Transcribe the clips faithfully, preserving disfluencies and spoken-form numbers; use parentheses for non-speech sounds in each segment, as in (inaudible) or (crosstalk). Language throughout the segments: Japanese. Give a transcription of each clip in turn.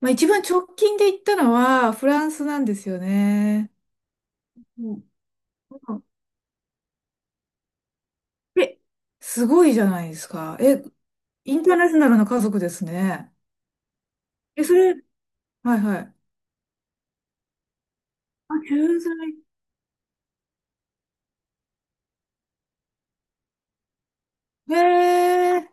まあ、一番直近で行ったのはフランスなんですよね。うん。え、すごいじゃないですか。え、インターナショナルな家族ですね。え、それ、はいはい。あ、駐在。へえ。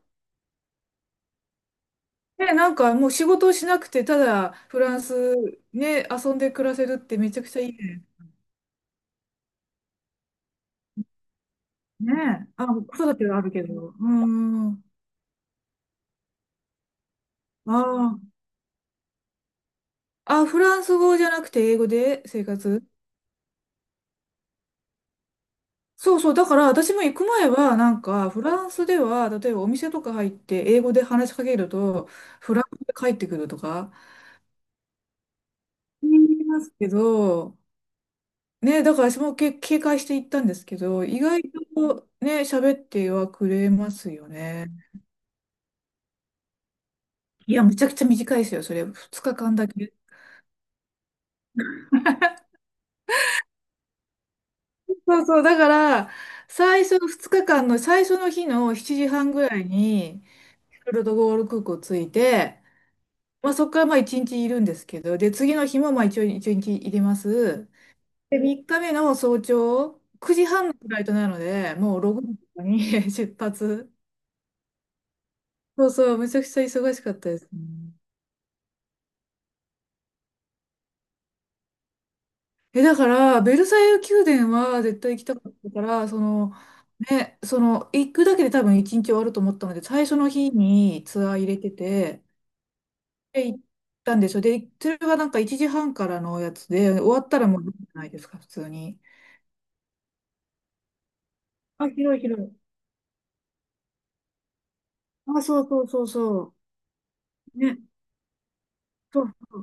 え、なんかもう仕事をしなくて、ただフランスね、遊んで暮らせるってめちゃくちゃいいね。ねえ。あ、子育てはあるけど。うん。ああ。あ、フランス語じゃなくて英語で生活。そうそう、だから私も行く前は、なんか、フランスでは、例えばお店とか入って、英語で話しかけると、フランスで帰ってくるとか、言いますけど、ね、だから私もけ警戒して行ったんですけど、意外とね、喋ってはくれますよね。いや、めちゃくちゃ短いですよ、それ、ふつかかんだけ。(laughs) そうそう、だから、最初のふつかかんの最初の日のしちじはんぐらいに、フロトゴール空港着いて、まあ、そこからまあいちにちいるんですけど、で、次の日もまあ一応いちにち入れます。で、みっかめの早朝、くじはんのフライトなので、もうろくじとかに (laughs) 出発。そうそう、めちゃくちゃ忙しかったですね。え、だから、ベルサイユ宮殿は絶対行きたかったから、その、ね、その、行くだけで多分いちにち終わると思ったので、最初の日にツアー入れてて、で、行ったんでしょ。で、それがなんかいちじはんからのやつで、終わったらもうじゃないですか、普通に。あ、広い広い。あ、そうそうそうそう。ね。そうそ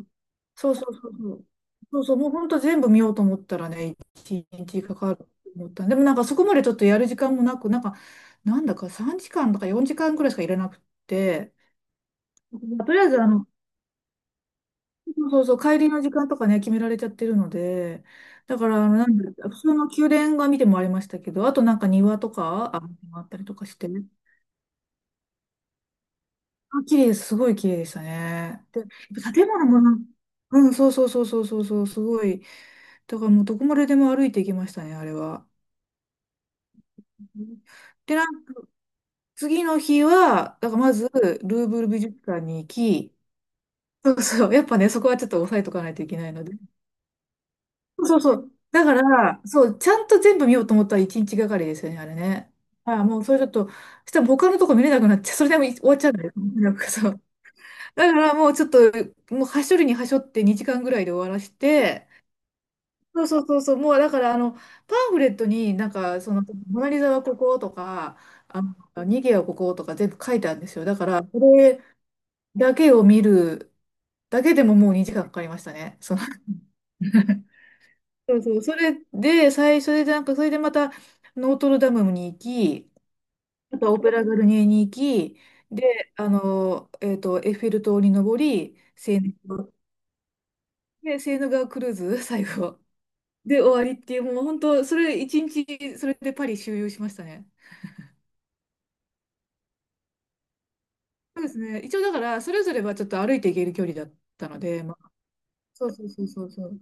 うそうそうそうそう。そうそう、もう本当全部見ようと思ったらね、一日かかると思ったで。もなんかそこまでちょっとやる時間もなく、なんか、なんだかさんじかんとかよじかんくらいしかいらなくって、とりあえずあの、そうそうそう、帰りの時間とかね、決められちゃってるので、だからあの、なんだ、普通の宮殿が見てもありましたけど、あとなんか庭とか、あ、あったりとかしてね。あ、綺麗です。すごい綺麗でしたね。で、建物もなん、うん、そうそうそうそうそうそう、すごい。だからもうどこまででも歩いていきましたね、あれは。うん。で、なん次の日は、だからまず、ルーブル美術館に行き、そうそう、やっぱね、そこはちょっと押さえとかないといけないので。そうそうそう。だから、そう、ちゃんと全部見ようと思ったら一日がかりですよね、あれね。ああ、もうそれちょっと、そしたら他のとこ見れなくなっちゃう。それでも終わっちゃうんだよ。だからもうちょっと、もうはしょるにはしょってにじかんぐらいで終わらして、そうそうそうそう、もうだからあの、パンフレットになんか、その、モナリザはこことか、あの、ニゲはこことか全部書いてあるんですよ。だから、これだけを見るだけでももうにじかんかかりましたね。その (laughs) そうそう、それで、最初でなんか、それでまた、ノートルダムに行き、あとはオペラガルニエに行き、で、あの、えっと、エッフェル塔に登り、セーヌで、セーヌ川クルーズ、(laughs) 最後。で、終わりっていう、もう本当、それ、一日、それでパリ周遊しましたね。そうですね。一応、だから、それぞれはちょっと歩いていける距離だったので、まあ、そうそうそうそうそう。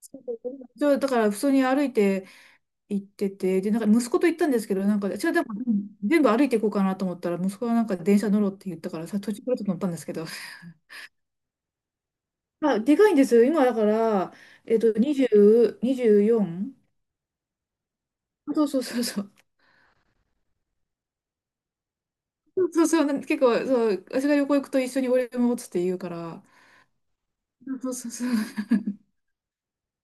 そうそうそう一応だから、普通に歩いて行ってて、で、なんか息子と行ったんですけど、なんか、私はでも、うん全部歩いていこうかなと思ったら、息子はなんか電車乗ろうって言ったから、さ、途中からちょっと乗ったんですけど、(laughs) まあ、でかいんですよ。今、だから、えっと、にじゅう、にじゅうよん？ そうそうそうそう。そうそう、なん結構、そう、私が旅行行くと一緒に俺もっつって言うから、そうそうそう。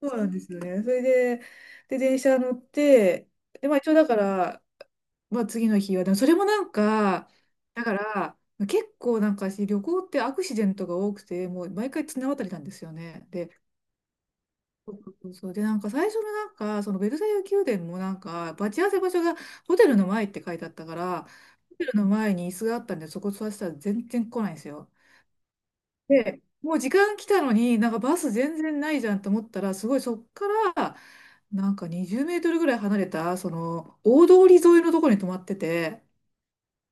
そうなんですよね。それで、で、電車乗って、で、まあ一応だから、まあ次の日は、でもそれもなんか、だから、結構なんか私旅行ってアクシデントが多くて、もう毎回綱渡りなんですよね。で、そうそうそうで、なんか最初のなんか、そのベルサイユ宮殿もなんか、待ち合わせ場所がホテルの前って書いてあったから、ホテルの前に椅子があったんで、そこ座ってたら全然来ないんですよ。で、もう時間来たのに、なんかバス全然ないじゃんと思ったら、すごいそっから、なんかにじゅうメートルぐらい離れた、その、大通り沿いのところに泊まってて、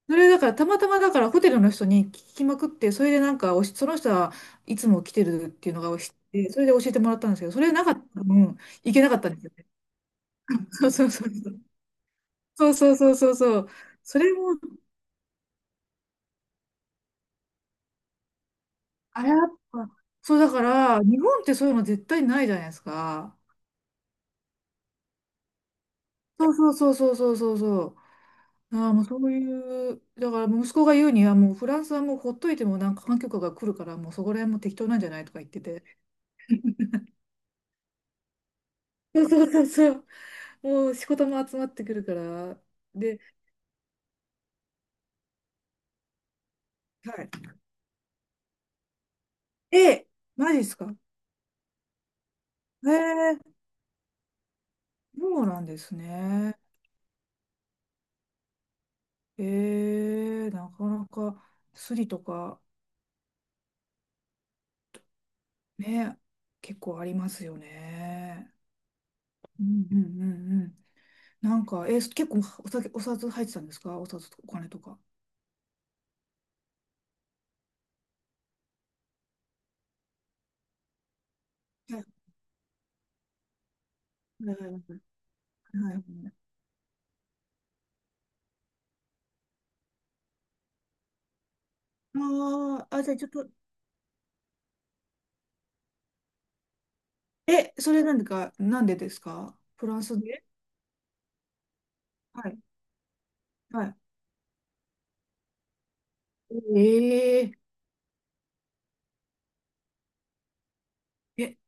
それだから、たまたまだからホテルの人に聞きまくって、それでなんかおし、その人はいつも来てるっていうのが知って、それで教えてもらったんですけど、それなかったら、うん、行けなかったんですよね。そうそうそうそう。そうそうそうそうそう。それも、あ、やっぱ、そうだから、日本ってそういうの絶対ないじゃないですか。そうそうそうそうそうそうそう。ああ、もうそういう、だから息子が言うには、もうフランスはもうほっといてもなんか環境下が来るから、もうそこら辺も適当なんじゃないとか言ってて。(laughs) そうそうそうそう、(laughs) もう仕事も集まってくるから。で、はい。え、マジですか？へえ、そうなんですね。ええ、なかなかスリとかね、結構ありますよね。うんうんうんうん。なんか、え、結構お酒、お札入ってたんですか？お札とかお金とか。はいはいはいはい。ああ、あ、じゃあちょっと、え、それなんでか、なんでですかフランスで？はい、はい。えええ、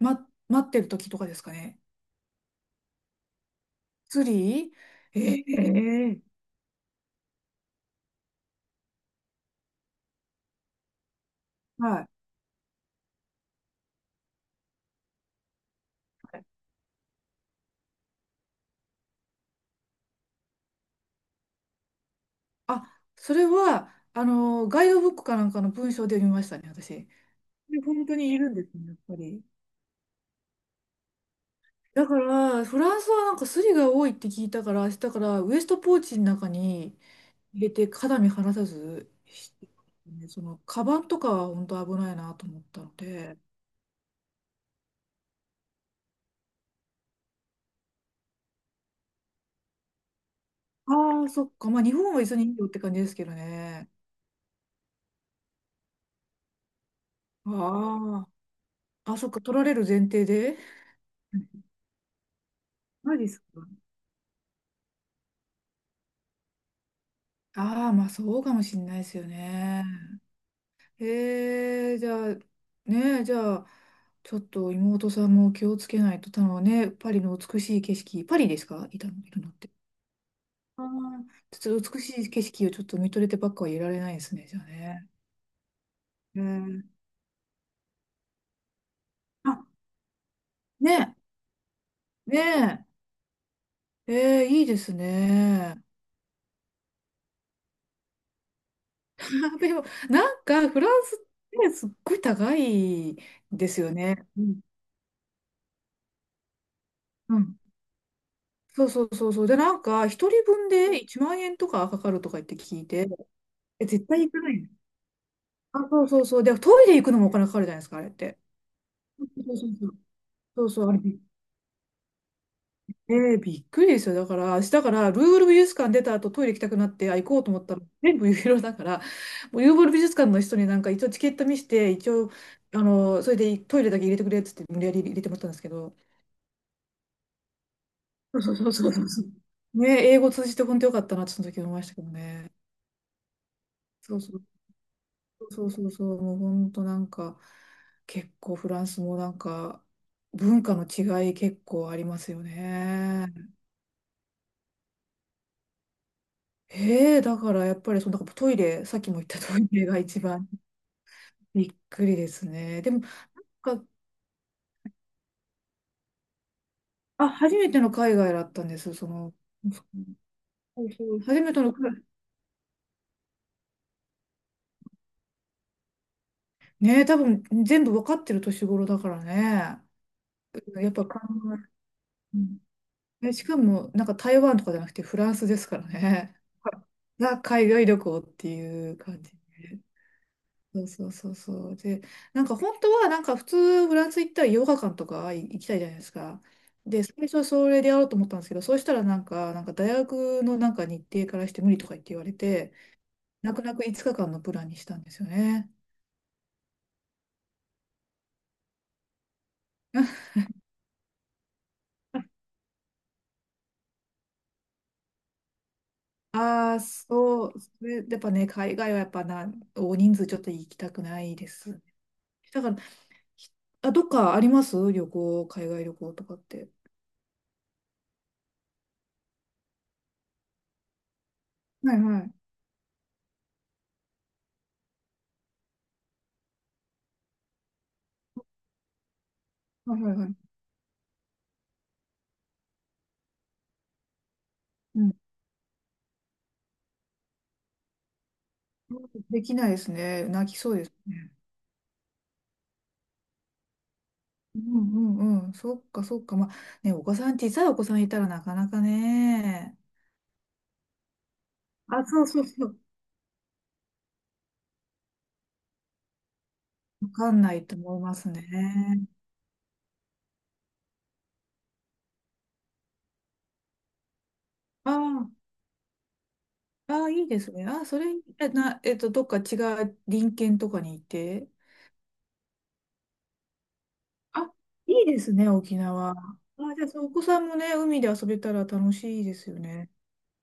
ま、待ってる時とかですかね。釣りええはい。あ、それは、あの、ガイドブックかなんかの文章で見ましたね、私。で、本当にいるんですね、やっぱり。だから、フランスはなんかスリが多いって聞いたから、明日からウエストポーチの中に、入れて肌身離さずしてますね、その、カバンとかは本当危ないなと思ったので、ああ、そっか、まあ日本は別にいいよって感じですけどね。ああ、あ、そっか、取られる前提で。マジですか。ああ、まあそうかもしれないですよね。えー、じゃあ、ねえ、じゃあ、ちょっと妹さんも気をつけないと、たのね、パリの美しい景色、パリですか？いたの、いるのって。ああ、ちょっと美しい景色をちょっと見とれてばっかはいられないですね、じゃあね。えー、あ、ねえ、ねえ、えーいいですね。(laughs) でも、なんか、フランスってすっごい高いですよね。うん。うん。そうそうそうそう。で、なんか、一人分でいちまん円とかかかるとか言って聞いて、え、絶対行かないの。あ、そうそうそう。で、トイレ行くのもお金かかるじゃないですか、あれって。そうそうそう。そうそう、あれ。ええびっくりですよ。だから、私、だから、ルーブル美術館出た後、トイレ行きたくなって、あ、行こうと思ったら、全部ユーロだから、もうルーブル美術館の人になんか、一応チケット見せて、一応、あの、それでトイレだけ入れてくれっつって、無理やり入れてもらったんですけど、そうそうそうそう。そうそうねえ、英語通じて本当よかったなって、その時思いましたけどね。そうそうそうそうそう、もう本当なんか、結構フランスもなんか、文化の違い結構ありますよね。へえ、だからやっぱりそのなんかトイレ、さっきも言ったトイレが一番びっくりですね。でも、なんかあ、初めての海外だったんです、その。そうそう初めての海外、ね、多分全部わかってる年頃だからね。やっぱ考え、うんえ、しかもなんか台湾とかじゃなくてフランスですからね。が海外旅行っていう感じ。そうそうそうそう。で、なんか本当はなんか普通フランス行ったらヨガ館とか行きたいじゃないですか。で、最初はそれでやろうと思ったんですけど、そうしたらなんか、なんか大学のなんか日程からして無理とか言って言われて、泣く泣くいつかかんのプランにしたんですよね。(laughs) ああ、そう。それやっぱね、海外はやっぱな、大人数ちょっと行きたくないですね。だから、ひあ、どっかあります？旅行、海外旅行とかって。はいはい。はいはいはい。うん。できないですね。泣きそうですね。うんうんうん。そっかそっか。まあね、お子さん、小さいお子さんいたらなかなかね、あ、そうそうそう。わかんないと思いますね。ああ、ああ、いいですね。ああ、それ、え、な、えっと、どっか違う隣県とかにいて。あ、いいですね、沖縄。ああ、じゃあ、そうお子さんもね、海で遊べたら楽しいですよね。